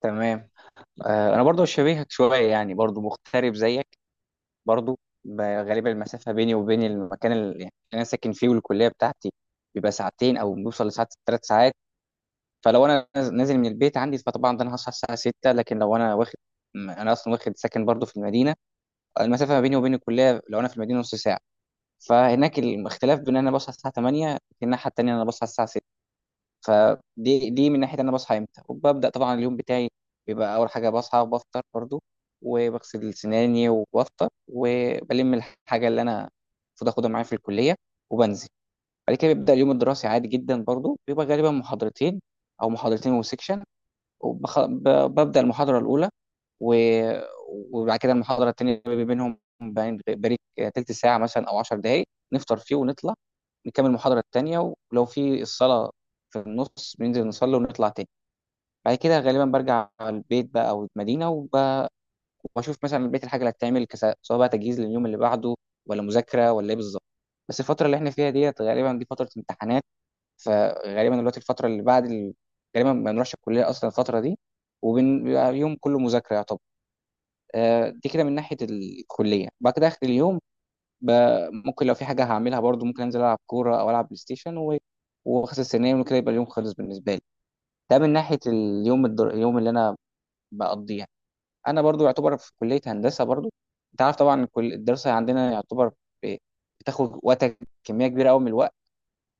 تمام. انا برضو شبيهك شويه، يعني برضو مغترب زيك برضو. غالبا المسافه بيني وبين المكان اللي يعني اللي انا ساكن فيه والكليه بتاعتي بيبقى ساعتين او بيوصل لساعات، 3 ساعات. فلو انا نازل من البيت عندي فطبعا ده انا هصحى الساعه 6، لكن لو انا واخد انا اصلا واخد ساكن برضو في المدينه، المسافه ما بيني وبين الكليه لو انا في المدينه نص ساعه. فهناك الاختلاف بين ان انا بصحى الساعه 8 لكن الناحيه التانيه انا بصحى الساعه. فدي من ناحيه انا بصحى امتى وببدا طبعا اليوم بتاعي. بيبقى اول حاجه بصحى وبفطر برضو، وبغسل سناني وبفطر وبلم الحاجه اللي انا المفروض اخدها معايا في الكليه، وبنزل. بعد كده بيبدا اليوم الدراسي عادي جدا، برضو بيبقى غالبا محاضرتين او محاضرتين وسكشن. وببدا المحاضره الاولى، و... وبعد كده المحاضرة التانية بيبقى بينهم بريك، تلت ساعة مثلا أو 10 دقايق، نفطر فيه ونطلع نكمل المحاضرة التانية، ولو في الصلاة في النص بننزل نصلي ونطلع تاني. بعد كده غالبا برجع على البيت بقى أو المدينة، وبشوف مثلا البيت الحاجة اللي هتتعمل، سواء بقى تجهيز لليوم اللي بعده، ولا مذاكرة ولا إيه بالظبط. بس الفترة اللي إحنا فيها ديت غالبا دي فترة امتحانات، فغالبا دلوقتي الفترة اللي بعد غالبا ما بنروحش الكلية أصلا الفترة دي، وبيبقى يوم كله مذاكرة يعتبر. دي كده من ناحيه الكليه. بعد كده اخر اليوم، ممكن لو في حاجه هعملها برضو، ممكن انزل العب كوره او العب بلاي ستيشن واغسل سناني وكده، يبقى اليوم خلص بالنسبه لي. ده من ناحيه اليوم اليوم اللي انا بقضيه. انا برضو يعتبر في كليه هندسه برضو، انت عارف طبعا كل الدراسه عندنا يعتبر ب- بتاخد وقتك كميه كبيره قوي من الوقت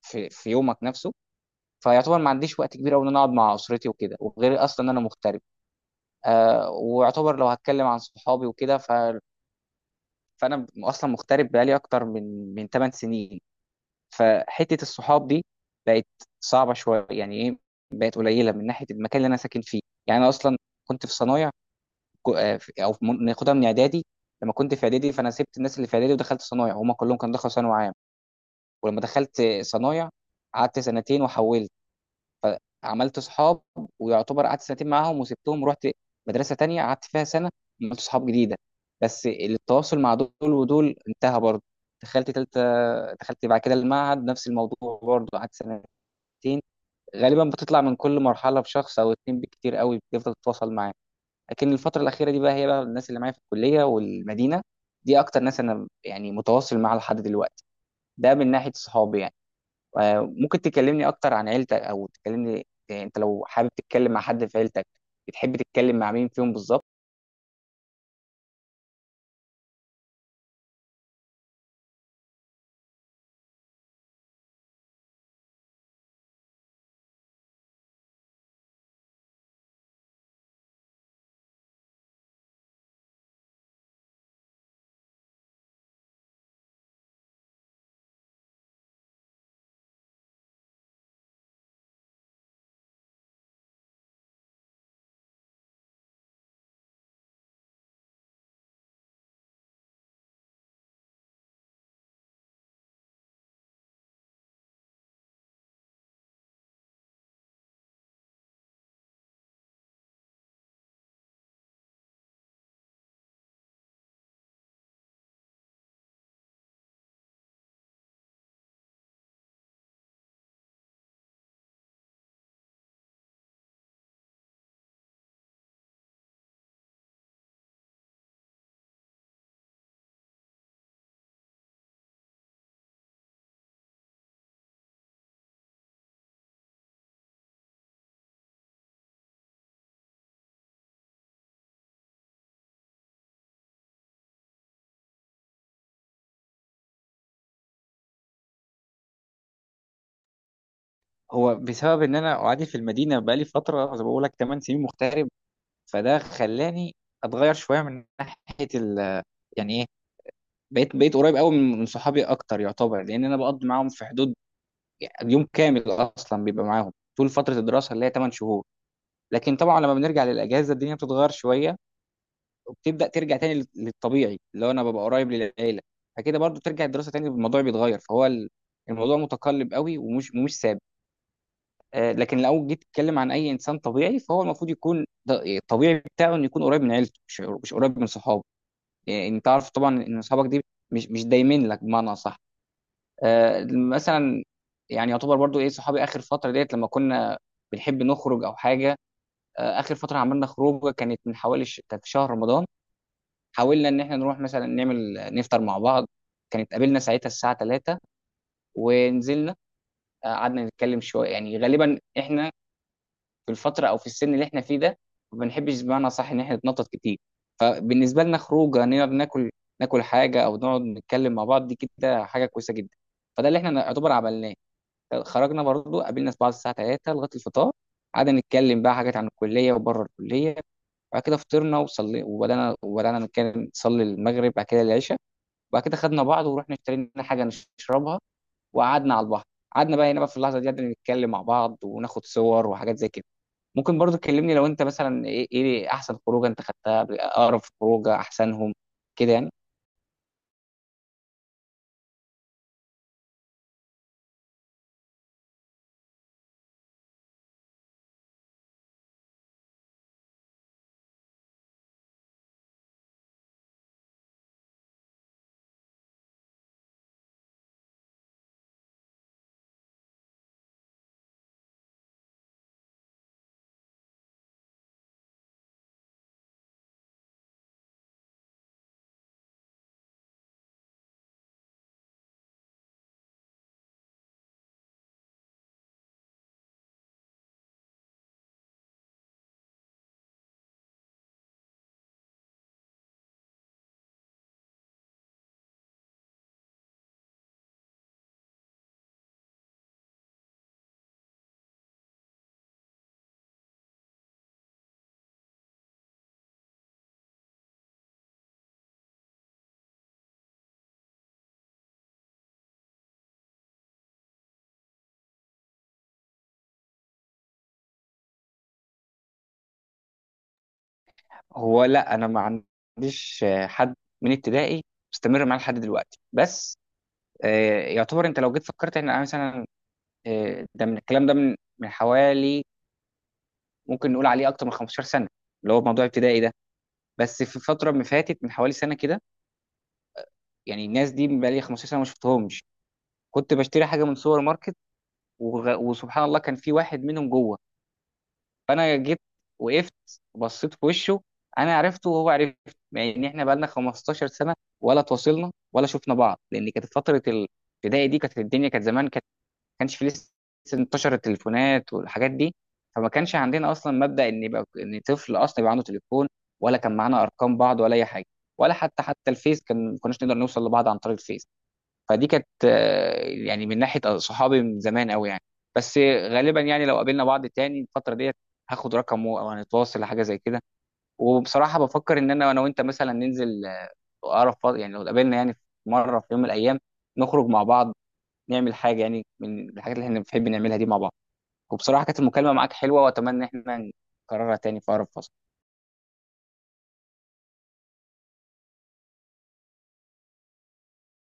في يومك نفسه. فيعتبر ما عنديش وقت كبير قوي ان انا اقعد مع اسرتي وكده، وغير اصلا ان انا مغترب. آه، ويعتبر لو هتكلم عن صحابي وكده، فانا اصلا مغترب بقالي اكتر من 8 سنين. فحته الصحاب دي بقت صعبه شويه، يعني ايه، بقت قليله من ناحيه المكان اللي انا ساكن فيه. يعني انا اصلا كنت في صنايع، او في ناخدها من اعدادي. لما كنت في اعدادي فانا سبت الناس اللي في اعدادي ودخلت صنايع، وهم كلهم كانوا دخلوا ثانوي عام. ولما دخلت صنايع قعدت سنتين وحولت، عملت اصحاب، ويعتبر قعدت سنتين معاهم وسبتهم ورحت مدرسه تانية قعدت فيها سنه، عملت اصحاب جديده، بس التواصل مع دول ودول انتهى برضه. دخلت تالتة، دخلت بعد كده المعهد نفس الموضوع برضه، قعدت سنتين. غالبا بتطلع من كل مرحله بشخص او اتنين بالكتير قوي بتفضل تتواصل معاه. لكن الفتره الاخيره دي بقى، هي بقى الناس اللي معايا في الكليه والمدينه، دي اكتر ناس انا يعني متواصل معاها لحد دلوقتي. ده من ناحيه صحابي يعني. ممكن تكلمني اكتر عن عيلتك، او تكلمني، انت لو حابب تتكلم مع حد في عيلتك بتحب تتكلم مع مين فيهم بالظبط؟ هو بسبب ان انا قاعد في المدينه بقالي فتره زي ما بقول لك 8 سنين مغترب، فده خلاني اتغير شويه من ناحيه ال، يعني ايه، بقيت قريب قوي من صحابي اكتر يعتبر، لان انا بقضي معاهم في حدود يعني يوم كامل اصلا بيبقى معاهم طول فتره الدراسه اللي هي 8 شهور. لكن طبعا لما بنرجع للاجازه الدنيا بتتغير شويه، وبتبدا ترجع تاني للطبيعي اللي هو انا ببقى قريب للعيله. فكده برضو ترجع الدراسه تاني الموضوع بيتغير، فهو الموضوع متقلب قوي ومش مش ثابت. لكن لو جيت تتكلم عن اي انسان طبيعي، فهو المفروض يكون الطبيعي بتاعه انه يكون قريب من عيلته، مش قريب من صحابه. يعني انت عارف طبعا ان صحابك دي مش دايمين لك بمعنى اصح. مثلا يعني يعتبر برضو ايه صحابي اخر فتره ديت، لما كنا بنحب نخرج او حاجه. اخر فتره عملنا خروجه كانت من حوالي كانت في شهر رمضان. حاولنا ان احنا نروح مثلا نعمل نفطر مع بعض، كانت قابلنا ساعتها الساعه 3 ونزلنا. قعدنا نتكلم شويه، يعني غالبا احنا في الفتره او في السن اللي احنا فيه ده ما بنحبش بمعنى صح ان احنا نتنطط كتير. فبالنسبه لنا خروجه نقدر ناكل، ناكل حاجه او نقعد نتكلم مع بعض دي كده حاجه كويسه جدا. فده اللي احنا نعتبر عملناه. خرجنا برضو قابلنا في بعض الساعه 3 لغايه الفطار، قعدنا نتكلم بقى حاجات عن الكليه وبره الكليه. بعد كده فطرنا وصلي وبدانا نتكلم، نصلي المغرب بعد كده العشاء. وبعد كده خدنا بعض ورحنا اشترينا حاجه نشربها، وقعدنا على البحر. قعدنا بقى هنا بقى في اللحظه دي، قعدنا نتكلم مع بعض وناخد صور وحاجات زي كده. ممكن برضو تكلمني لو انت مثلا ايه، إيه احسن خروجه انت خدتها، اقرب خروجه احسنهم كده يعني؟ هو لا، انا ما عنديش حد من ابتدائي مستمر معاه لحد دلوقتي بس. يعتبر انت لو جيت فكرت ان انا مثلا، ده من الكلام ده من حوالي ممكن نقول عليه اكتر من 15 سنه، اللي هو موضوع ابتدائي ده. بس في فتره ما فاتت من حوالي سنه كده، يعني الناس دي بقالي 15 سنه ما شفتهمش، كنت بشتري حاجه من سوبر ماركت وسبحان الله كان في واحد منهم جوه. فانا جيت وقفت بصيت في وشه، انا عرفته وهو عرف. يعني ان احنا بقالنا 15 سنه ولا تواصلنا ولا شفنا بعض، لان كانت فتره الابتدائي دي كانت الدنيا كانت زمان، كانت ما كانش في لسه انتشر التليفونات والحاجات دي، فما كانش عندنا اصلا مبدا ان يبقى ان طفل اصلا يبقى عنده تليفون، ولا كان معانا ارقام بعض ولا اي حاجه. ولا حتى الفيس كان، ما كناش نقدر نوصل لبعض عن طريق الفيس. فدي كانت، يعني من ناحيه صحابي من زمان قوي يعني. بس غالبا يعني لو قابلنا بعض تاني الفتره ديت، هاخد رقمه او هنتواصل لحاجه زي كده. وبصراحه بفكر ان انا وانت مثلا ننزل، اقرب فترة يعني لو قابلنا يعني في مره في يوم من الايام، نخرج مع بعض نعمل حاجه يعني من الحاجات اللي احنا بنحب نعملها دي مع بعض. وبصراحه كانت المكالمه معاك حلوه، واتمنى ان احنا نكررها تاني في اقرب فتره.